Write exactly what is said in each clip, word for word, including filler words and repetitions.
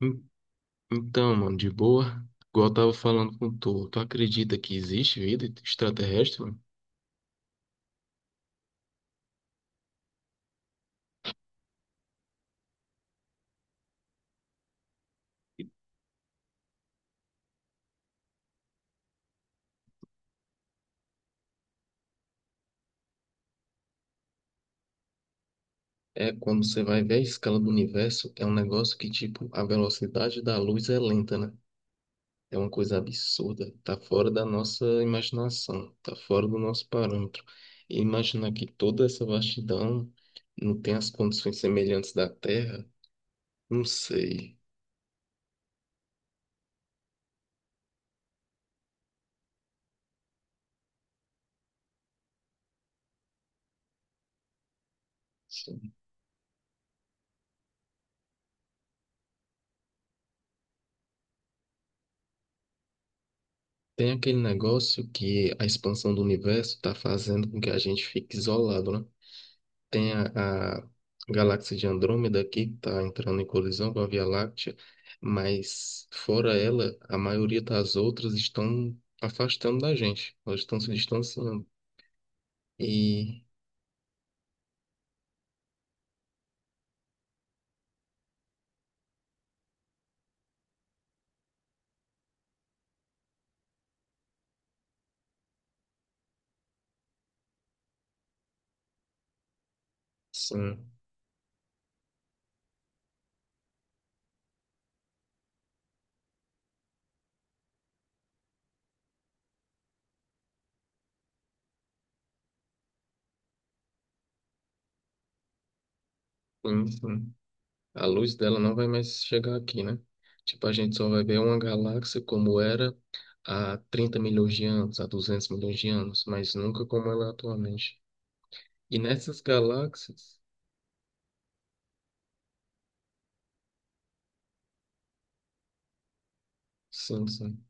En- Então, mano, de boa, igual eu tava falando com tu, tu acredita que existe vida extraterrestre, mano? É, quando você vai ver a escala do universo, é um negócio que, tipo, a velocidade da luz é lenta, né? É uma coisa absurda, tá fora da nossa imaginação, tá fora do nosso parâmetro. E imaginar que toda essa vastidão não tem as condições semelhantes da Terra, não sei. Tem aquele negócio que a expansão do universo está fazendo com que a gente fique isolado, né? Tem a, a galáxia de Andrômeda aqui, que está entrando em colisão com a Via Láctea, mas fora ela, a maioria das outras estão afastando da gente, elas estão se distanciando. E sim, sim, sim. A luz dela não vai mais chegar aqui, né? Tipo, a gente só vai ver uma galáxia como era há trinta milhões de anos, há duzentos milhões de anos, mas nunca como ela é atualmente. E nessas galáxias, sim, sim.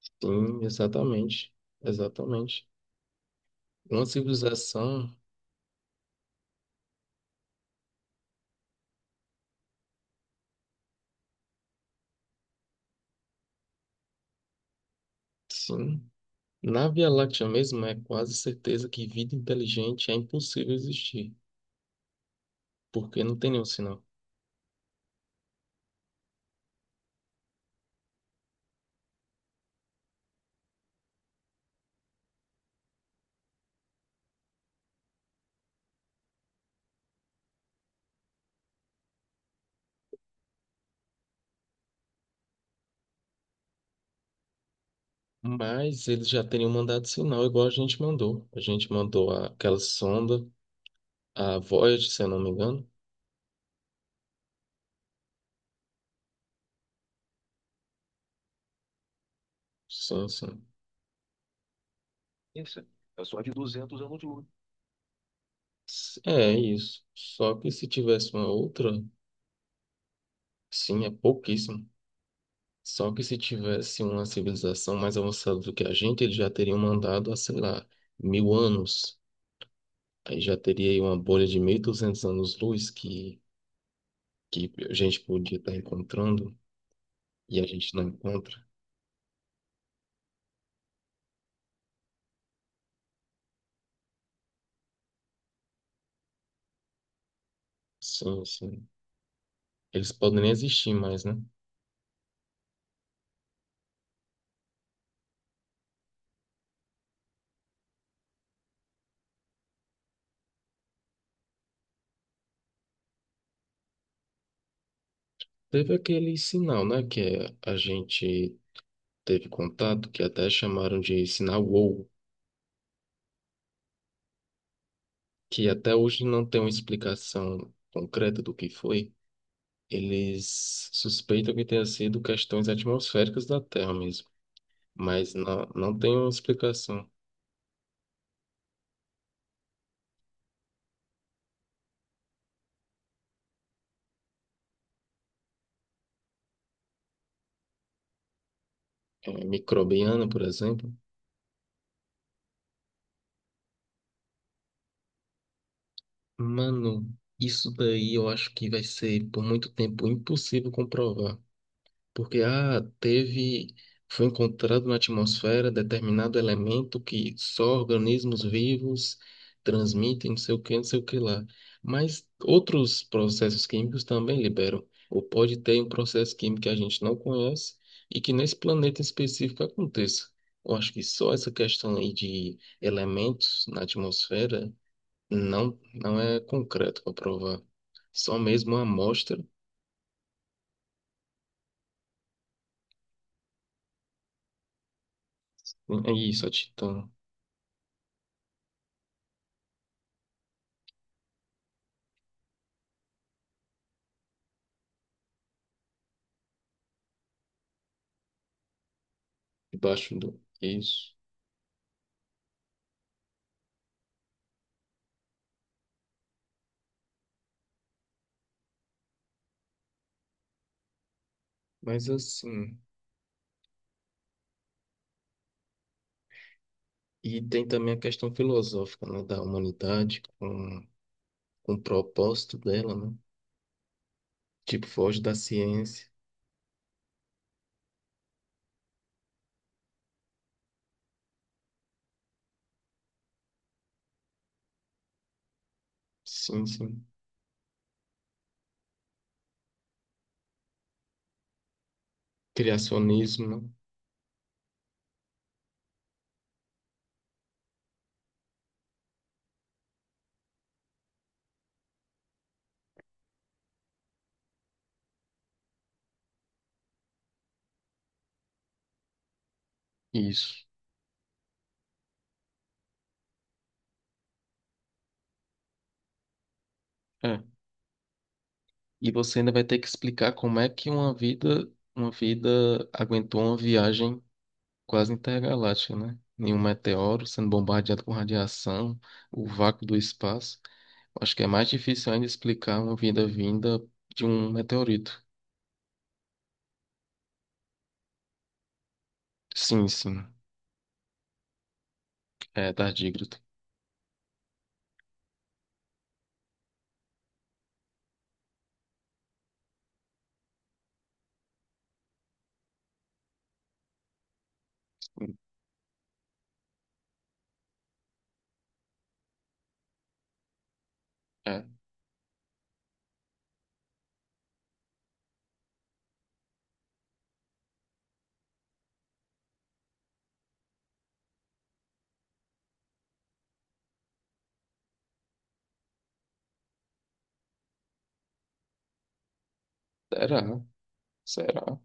Sim, exatamente. Exatamente. Uma civilização, sim. Na Via Láctea mesmo, é quase certeza que vida inteligente é impossível existir, porque não tem nenhum sinal. Mas eles já teriam mandado sinal, igual a gente mandou. A gente mandou a- aquela sonda, a Voyager, se eu não me engano. Sim, sim. É isso. Só que se tivesse uma outra, sim, é pouquíssimo. Só que se tivesse uma civilização mais avançada do que a gente, eles já teriam mandado há, sei lá, mil anos. Aí já teria aí uma bolha de mil e duzentos anos-luz que, que a gente podia estar encontrando e a gente não encontra. Sim, sim. Eles podem nem existir mais, né? Teve aquele sinal, né, que a gente teve contato, que até chamaram de sinal uau, que até hoje não tem uma explicação concreta do que foi. Eles suspeitam que tenha sido questões atmosféricas da Terra mesmo, mas não, não tem uma explicação é, microbiana, por exemplo. Mano, isso daí eu acho que vai ser por muito tempo impossível comprovar. Porque ah, teve, foi encontrado na atmosfera determinado elemento que só organismos vivos transmitem, não sei o que, não sei o que lá. Mas outros processos químicos também liberam. Ou pode ter um processo químico que a gente não conhece e que nesse planeta específico aconteça. Eu acho que só essa questão aí de elementos na atmosfera não, não é concreto para provar. Só mesmo uma amostra. É isso, a Titã. Debaixo do. Isso. Mas assim. E tem também a questão filosófica, né, da humanidade, com, com o propósito dela, né? Tipo, foge da ciência. Sim, sim. Criacionismo, né? Isso. É. E você ainda vai ter que explicar como é que uma vida, uma vida aguentou uma viagem quase intergaláctica, né? Nenhum meteoro sendo bombardeado com radiação, o vácuo do espaço. Acho que é mais difícil ainda explicar uma vida vinda de um meteorito. Sim, sim. É, tardígrado. É. Será? Será?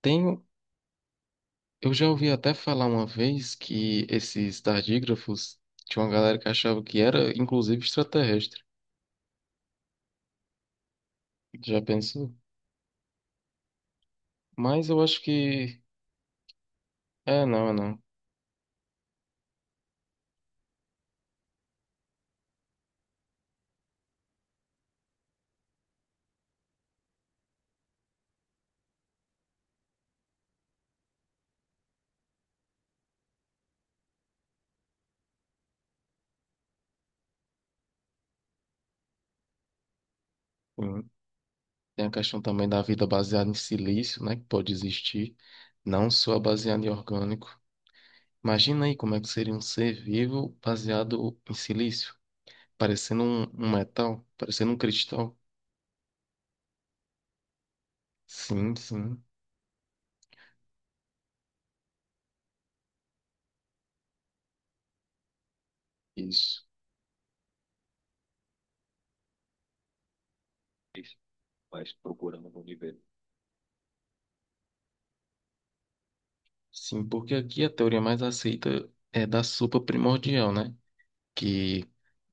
Tenho. Eu já ouvi até falar uma vez que esses tardígrafos tinha uma galera que achava que era, inclusive, extraterrestre. Já pensou? Mas eu acho que. É, não, é não. Hum. Tem a questão também da vida baseada em silício, né? Que pode existir. Não só baseada em orgânico. Imagina aí como é que seria um ser vivo baseado em silício, parecendo um, um metal, parecendo um cristal. Sim, sim. Isso. Sim, porque aqui a teoria mais aceita é da sopa primordial, né? Que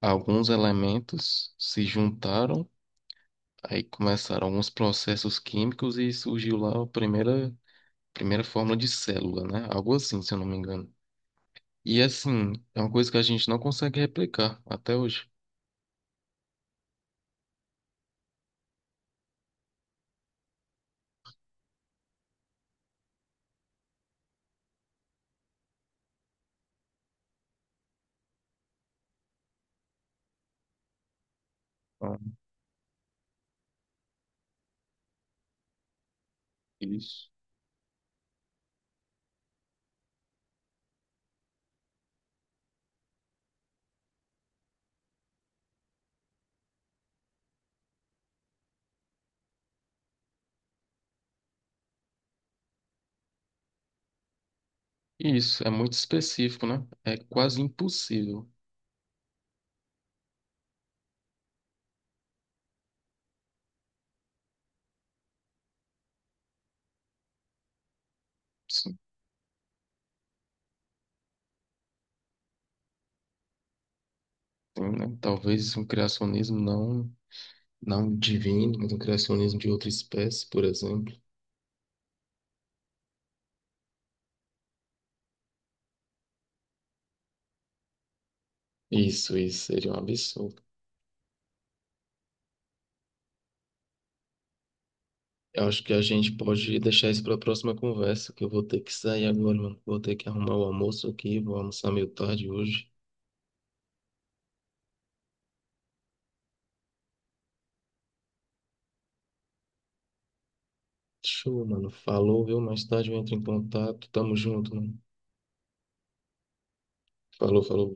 alguns elementos se juntaram, aí começaram alguns processos químicos e surgiu lá a primeira, primeira fórmula de célula, né? Algo assim, se eu não me engano. E assim, é uma coisa que a gente não consegue replicar até hoje. Ah, isso. Isso, é muito específico, né? É quase impossível. Sim, tem, né? Talvez um criacionismo não. não divino, mas um criacionismo de outra espécie, por exemplo. Isso, isso seria um absurdo. Eu acho que a gente pode deixar isso para a próxima conversa, que eu vou ter que sair agora, mano. Vou ter que arrumar o almoço aqui, vou almoçar meio tarde hoje. Show, mano. Falou, viu? Mais tarde eu entro em contato. Tamo junto, mano. Falou, falou.